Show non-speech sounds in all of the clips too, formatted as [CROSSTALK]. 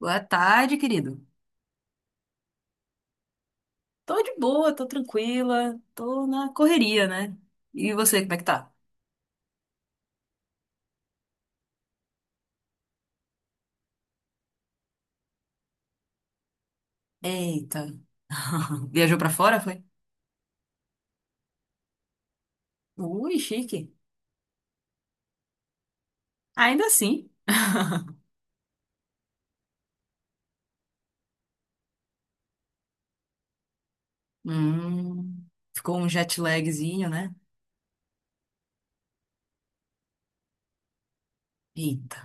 Boa tarde, querido. Tô de boa, tô tranquila, tô na correria, né? E você, como é que tá? Eita. [LAUGHS] Viajou pra fora, foi? Ui, chique. Ainda assim. [LAUGHS] Hum, ficou um jet lagzinho, né? Eita.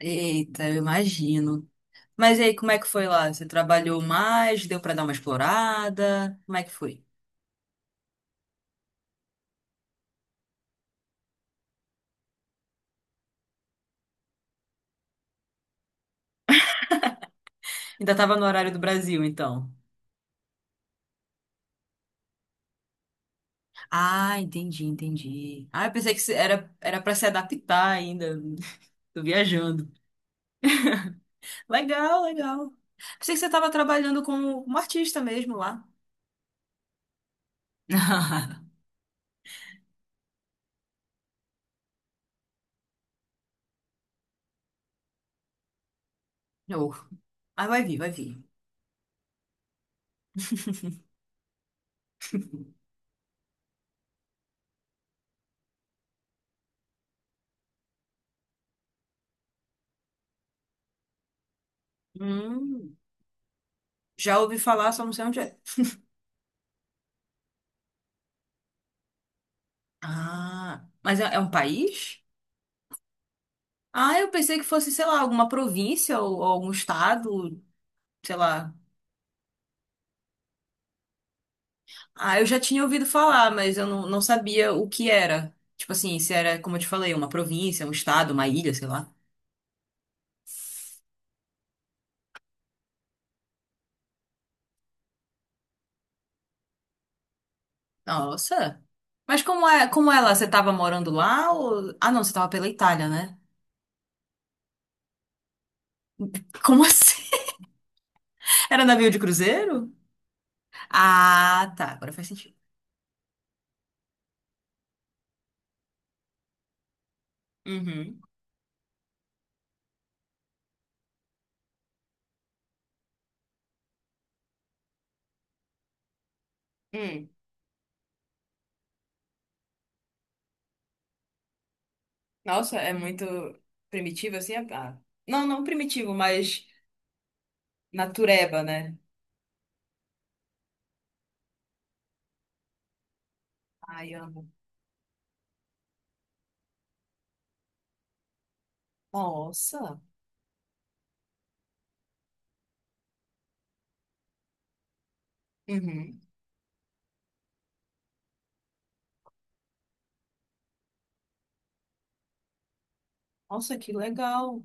Eita, eu imagino. Mas e aí, como é que foi lá? Você trabalhou mais? Deu pra dar uma explorada? Como é que foi? Ainda tava no horário do Brasil, então. Ah, entendi, entendi. Ah, eu pensei que era, era para se adaptar ainda. [LAUGHS] Tô viajando. Legal, legal. Pensei que você estava trabalhando como, como artista mesmo lá. [LAUGHS] Oh. Ah, vai vir, vai vir. Hum, já ouvi falar, só não sei onde é. Ah, mas é, é um país? Ah, eu pensei que fosse, sei lá, alguma província ou algum estado, sei lá. Ah, eu já tinha ouvido falar, mas eu não, não sabia o que era. Tipo assim, se era, como eu te falei, uma província, um estado, uma ilha, sei lá. Nossa. Mas como é lá? Você tava morando lá ou... Ah, não, você tava pela Itália, né? Como assim? [LAUGHS] Era navio de cruzeiro? Ah, tá. Agora faz sentido. Uhum. Hum. Nossa, é muito primitivo assim? Ah, não, não primitivo, mas natureba, né? Ai, amo. Nossa. Uhum. Nossa, que legal.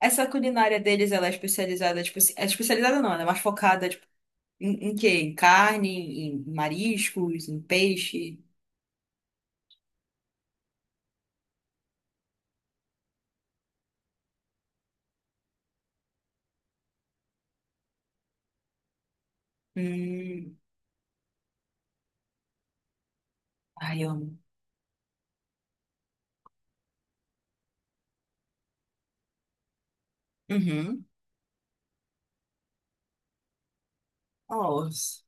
Essa culinária deles, ela é especializada, tipo, é especializada não, ela é mais focada, tipo, em, em quê? Em carne, em mariscos, em peixe. Hum. Ai, eu amo. Uhum. Nossa.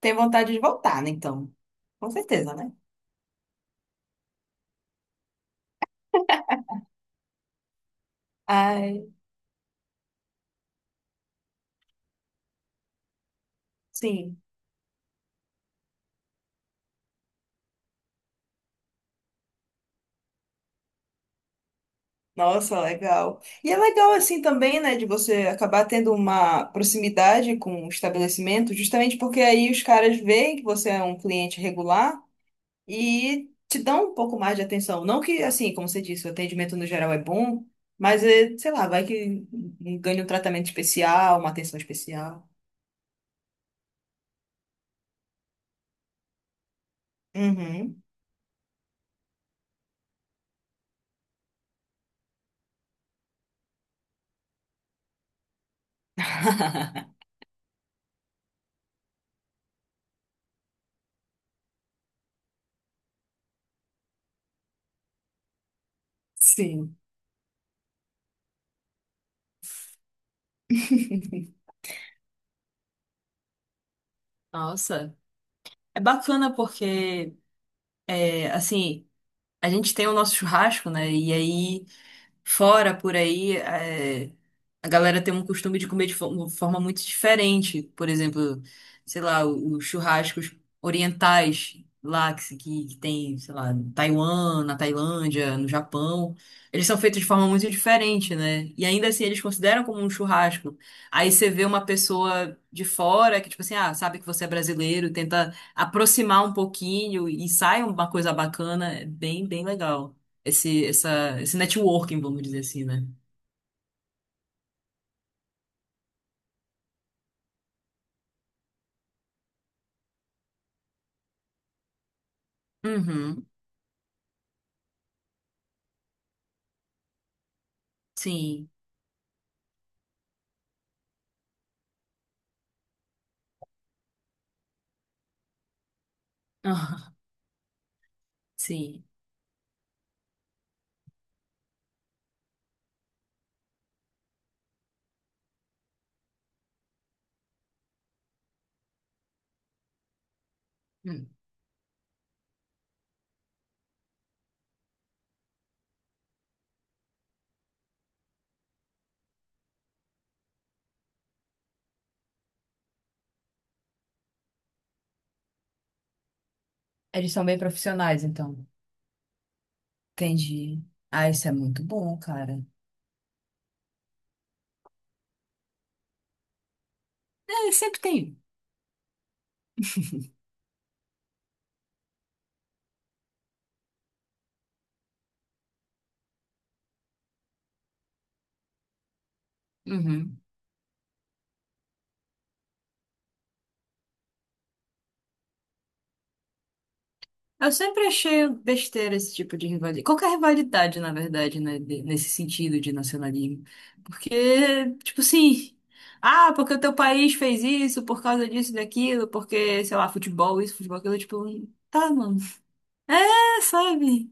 Tem vontade de voltar, né, então? Com certeza, né? Ai, sim. Nossa, legal. E é legal assim também, né, de você acabar tendo uma proximidade com o estabelecimento, justamente porque aí os caras veem que você é um cliente regular e te dão um pouco mais de atenção. Não que, assim, como você disse, o atendimento no geral é bom, mas, é, sei lá, vai que ganha um tratamento especial, uma atenção especial. Uhum. [LAUGHS] Sim. Nossa, é bacana porque, é, assim, a gente tem o nosso churrasco, né? E aí. Fora, por aí, é, a galera tem um costume de comer de forma muito diferente. Por exemplo, sei lá, os churrascos orientais lá que, que tem, sei lá, em Taiwan, na Tailândia, no Japão. Eles são feitos de forma muito diferente, né? E ainda assim eles consideram como um churrasco. Aí você vê uma pessoa de fora que, tipo assim, ah, sabe que você é brasileiro, tenta aproximar um pouquinho e sai uma coisa bacana. É bem, bem legal esse networking, vamos dizer assim, né? Uhum, sim. [LAUGHS] Ah, sim. Hum. Eles são bem profissionais, então. Entendi. Ah, isso é muito bom, cara. É, sempre tem. Uhum. Eu sempre achei besteira esse tipo de rivalidade. Qualquer rivalidade, na verdade, né? Nesse sentido de nacionalismo. Porque, tipo assim. Ah, porque o teu país fez isso, por causa disso, e daquilo, porque, sei lá, futebol, isso, futebol, aquilo, tipo, tá, mano. É, sabe?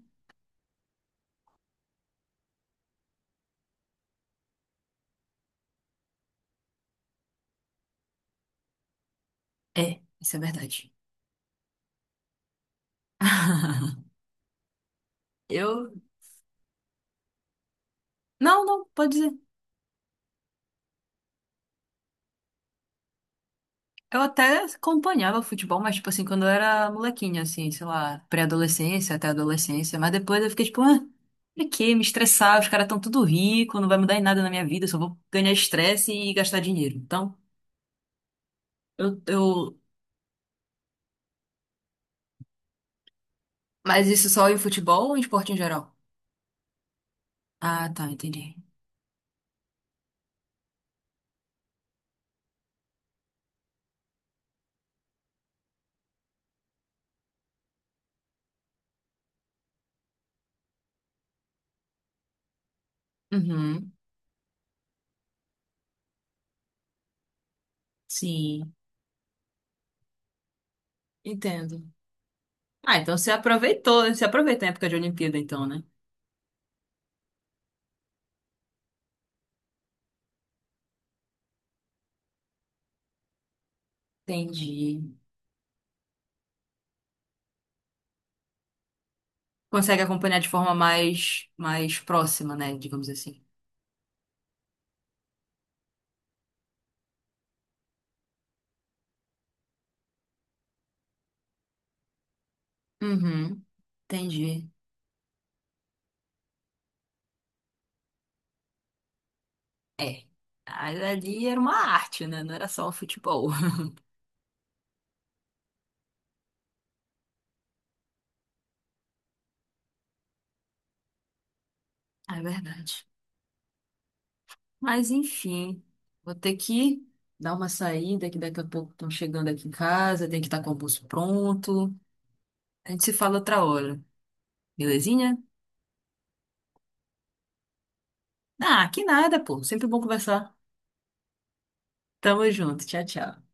É, isso é verdade. [LAUGHS] Eu. Não, não, pode dizer. Eu até acompanhava futebol, mas, tipo assim, quando eu era molequinha, assim, sei lá, pré-adolescência até adolescência. Mas depois eu fiquei tipo, ah, pra quê? Me estressar, os caras tão tudo rico, não vai mudar em nada na minha vida, eu só vou ganhar estresse e gastar dinheiro. Então, eu. Mas isso só em futebol ou em esporte em geral? Ah, tá, entendi. Uhum, sim, entendo. Ah, então você aproveitou, você aproveita a época de Olimpíada, então, né? Entendi. Consegue acompanhar de forma mais, mais próxima, né? Digamos assim. Uhum, entendi. É. Mas ali era uma arte, né? Não era só o futebol. [LAUGHS] É verdade. Mas enfim, vou ter que dar uma saída, que daqui a pouco estão chegando aqui em casa, tem que estar com o almoço pronto. A gente se fala outra hora, belezinha? Ah, que nada, pô. Sempre bom conversar. Tamo junto. Tchau, tchau.